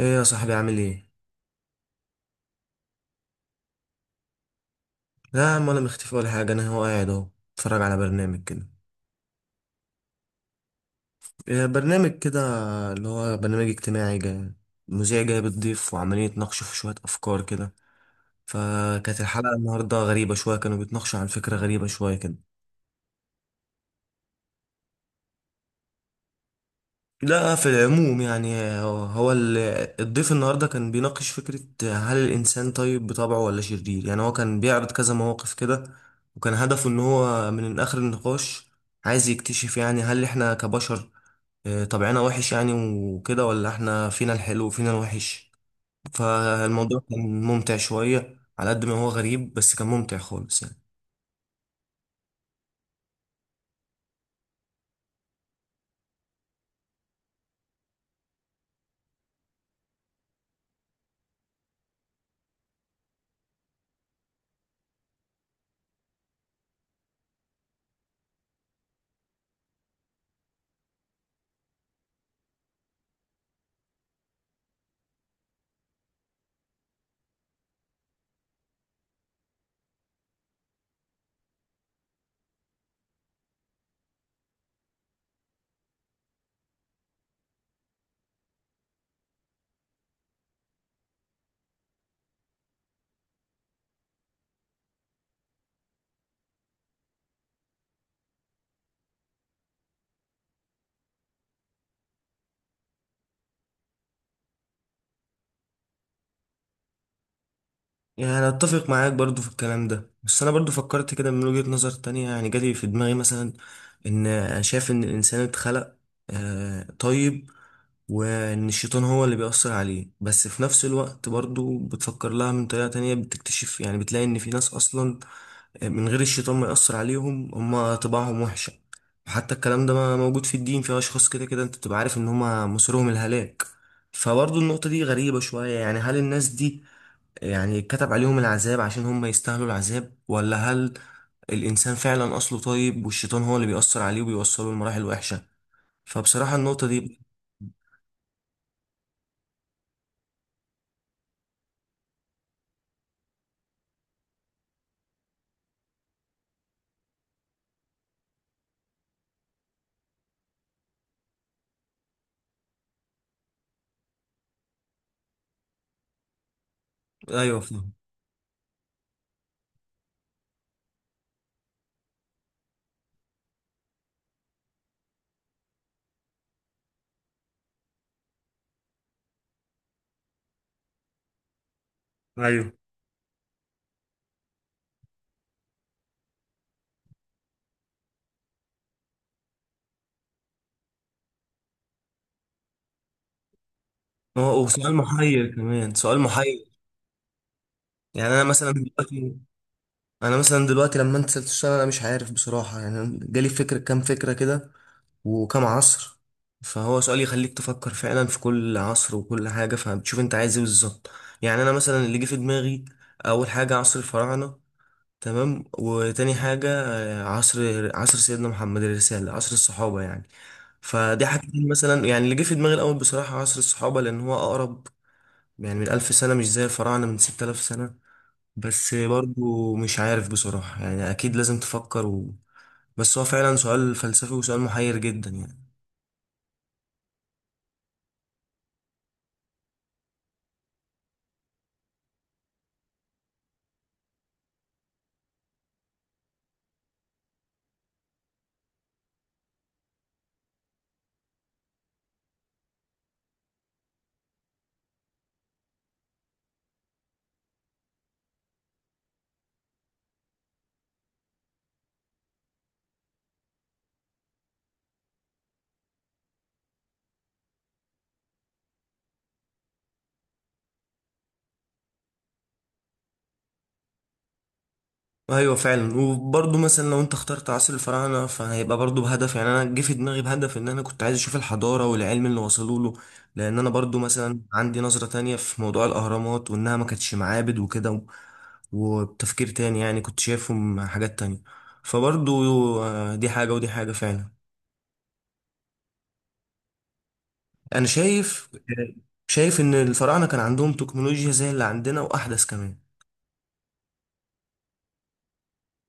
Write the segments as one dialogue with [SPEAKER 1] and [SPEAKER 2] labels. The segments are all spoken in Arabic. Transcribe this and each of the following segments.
[SPEAKER 1] ايه يا صاحبي عامل ايه؟ لا يا عم، ولا مختفي ولا حاجة. انا هو قاعد اهو اتفرج على برنامج كده. إيه برنامج كده اللي هو برنامج اجتماعي جاي، مذيع جاي بتضيف وعمالين يتناقشوا في شوية افكار كده. فكانت الحلقة النهاردة غريبة شوية، كانوا بيتناقشوا عن فكرة غريبة شوية كده. لا في العموم يعني هو الضيف النهارده كان بيناقش فكرة هل الإنسان طيب بطبعه ولا شرير، يعني هو كان بيعرض كذا مواقف كده. وكان هدفه إن هو من آخر النقاش عايز يكتشف، يعني هل إحنا كبشر طبعنا وحش يعني وكده، ولا إحنا فينا الحلو وفينا الوحش. فالموضوع كان ممتع شوية على قد ما هو غريب، بس كان ممتع خالص يعني. يعني أنا أتفق معاك برضو في الكلام ده، بس أنا برضو فكرت كده من وجهة نظر تانية، يعني جالي في دماغي مثلا إن أنا شايف إن الإنسان اتخلق طيب، وإن الشيطان هو اللي بيأثر عليه. بس في نفس الوقت برضو بتفكر لها من طريقة تانية بتكتشف، يعني بتلاقي إن في ناس أصلا من غير الشيطان ما يأثر عليهم هما طباعهم وحشة. حتى الكلام ده موجود في الدين، في أشخاص كده كده أنت بتبقى عارف إن هما مصيرهم الهلاك. فبرضو النقطة دي غريبة شوية، يعني هل الناس دي يعني كتب عليهم العذاب عشان هم يستاهلوا العذاب، ولا هل الإنسان فعلا أصله طيب والشيطان هو اللي بيأثر عليه وبيوصله لمراحل وحشة؟ فبصراحة النقطة دي. أيوه فاهم. ايوه، هو وسؤال محير كمان سؤال محير. يعني أنا مثلا دلوقتي لما أنت سألت السؤال أنا مش عارف بصراحة، يعني أنا جالي فكرة كام فكرة كده وكام عصر. فهو سؤال يخليك تفكر فعلا في كل عصر وكل حاجة، فبتشوف أنت عايز إيه بالظبط. يعني أنا مثلا اللي جه في دماغي أول حاجة عصر الفراعنة، تمام، وتاني حاجة عصر سيدنا محمد، الرسالة، عصر الصحابة يعني. فدي حاجتين مثلا، يعني اللي جه في دماغي الأول بصراحة عصر الصحابة لأن هو أقرب، يعني من 1000 سنة، مش زي الفراعنة من 6000 سنة. بس برضو مش عارف بصراحة، يعني أكيد لازم تفكر و. بس هو فعلا سؤال فلسفي وسؤال محير جدا يعني. ايوه فعلا، وبرضه مثلا لو انت اخترت عصر الفراعنه فهيبقى برضه بهدف، يعني انا جه في دماغي بهدف ان انا كنت عايز اشوف الحضاره والعلم اللي وصلوا له. لان انا برضه مثلا عندي نظره تانية في موضوع الاهرامات، وانها ما كانتش معابد وكده و، وبتفكير تاني يعني كنت شايفهم حاجات تانية. فبرضه دي حاجه ودي حاجه فعلا. انا شايف شايف ان الفراعنه كان عندهم تكنولوجيا زي اللي عندنا واحدث كمان.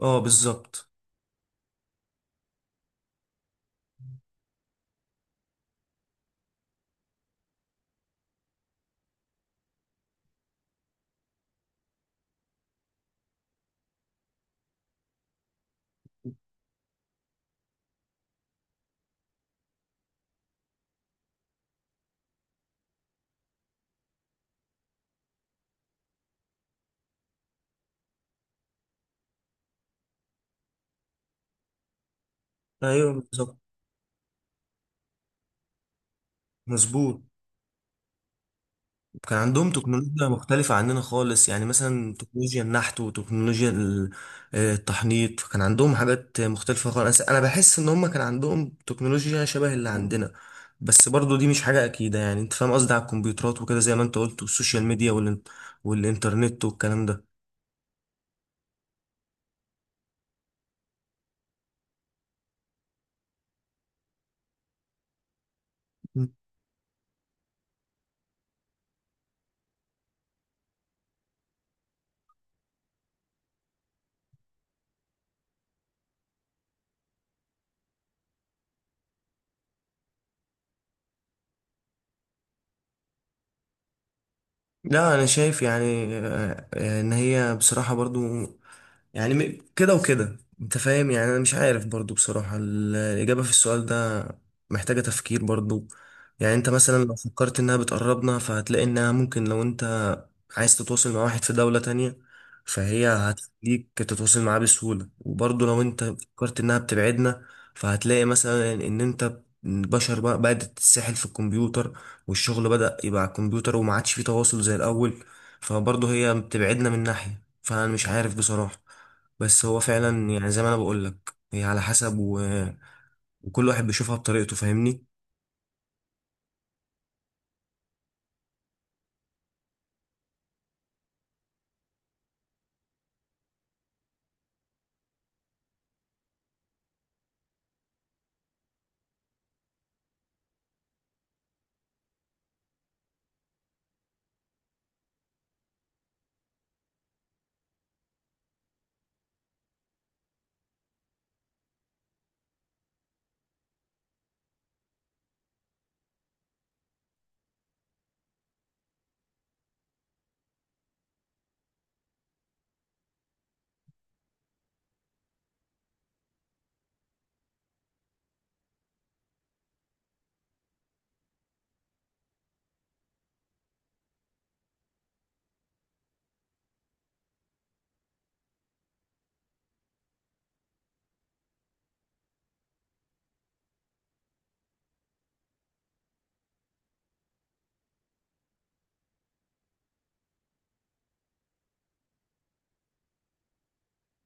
[SPEAKER 1] اه بالظبط. ايوه بالظبط، مظبوط. كان عندهم تكنولوجيا مختلفة عننا خالص، يعني مثلا تكنولوجيا النحت وتكنولوجيا التحنيط. كان عندهم حاجات مختلفة خالص، أنا بحس إن هم كان عندهم تكنولوجيا شبه اللي عندنا. بس برضو دي مش حاجة أكيدة، يعني أنت فاهم قصدي، على الكمبيوترات وكده زي ما أنت قلت والسوشيال ميديا والإنترنت والكلام ده. لا أنا شايف يعني إن هي بصراحة برضو، يعني كده وكده انت فاهم، يعني انا مش عارف برضو بصراحة الإجابة في السؤال ده، محتاجة تفكير برضو. يعني انت مثلا لو فكرت انها بتقربنا فهتلاقي انها ممكن، لو انت عايز تتواصل مع واحد في دولة تانية فهي هتخليك تتواصل معاه بسهولة. وبرضو لو انت فكرت انها بتبعدنا فهتلاقي مثلا ان انت البشر بقى بدأت تتسحل في الكمبيوتر، والشغل بدأ يبقى على الكمبيوتر وما عادش فيه تواصل زي الأول. فبرضو هي بتبعدنا من ناحية، فأنا مش عارف بصراحة. بس هو فعلا يعني زي ما انا بقول لك هي على حسب و، وكل واحد بيشوفها بطريقته فاهمني.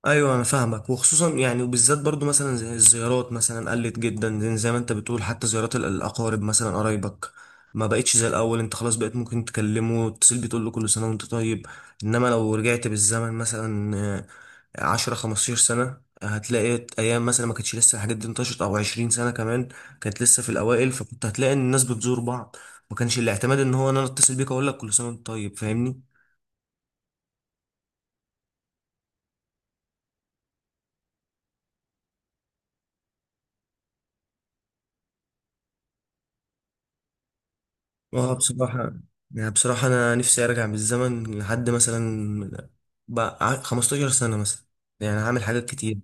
[SPEAKER 1] ايوه انا فاهمك، وخصوصا يعني وبالذات برضو مثلا زي الزيارات مثلا، قلت جدا زي ما انت بتقول، حتى زيارات الاقارب مثلا قرايبك، ما بقتش زي الاول، انت خلاص بقيت ممكن تكلمه وتتصل بيه تقول له كل سنه وانت طيب. انما لو رجعت بالزمن مثلا 10 15 سنة هتلاقي أيام مثلا ما كانتش لسه الحاجات دي انتشرت، أو 20 سنة كمان كانت لسه في الأوائل، فكنت هتلاقي إن الناس بتزور بعض. ما كانش الاعتماد إن هو أنا أتصل بيك أقول لك كل سنة وأنت طيب، فاهمني؟ اه بصراحة، يعني بصراحة أنا نفسي أرجع بالزمن لحد مثلا بقى 15 سنة مثلا، يعني هعمل حاجات كتير.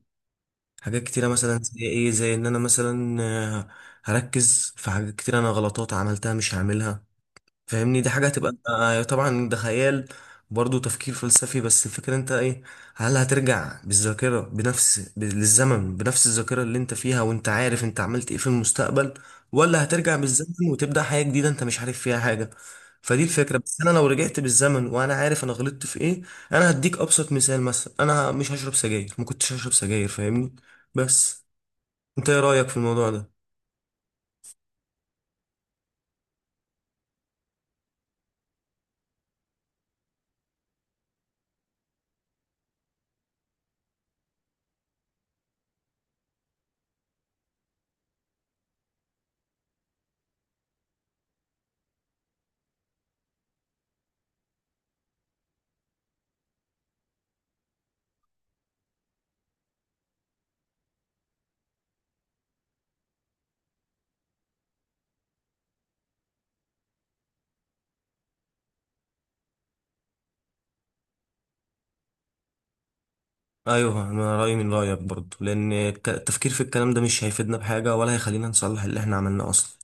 [SPEAKER 1] حاجات كتيرة، مثلا زي إيه، زي إن أنا مثلا هركز في حاجات كتير، أنا غلطات عملتها مش هعملها فاهمني. دي حاجة هتبقى طبعا ده خيال، برضه تفكير فلسفي. بس الفكرة انت ايه، هل هترجع بالذاكرة بنفس للزمن بنفس الذاكرة اللي انت فيها وانت عارف انت عملت ايه في المستقبل، ولا هترجع بالزمن وتبدأ حياة جديدة انت مش عارف فيها حاجة؟ فدي الفكرة. بس انا لو رجعت بالزمن وانا عارف انا غلطت في ايه، انا هديك ابسط مثال، مثلا انا مش هشرب سجاير، ما كنتش هشرب سجاير فاهمني. بس انت ايه رأيك في الموضوع ده؟ ايوه انا رايي من رايك برضه، لان التفكير في الكلام ده مش هيفيدنا بحاجه ولا هيخلينا نصلح اللي احنا عملناه اصلا.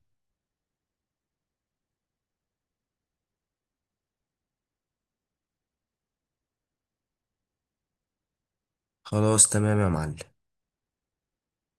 [SPEAKER 1] خلاص تمام يا معلم.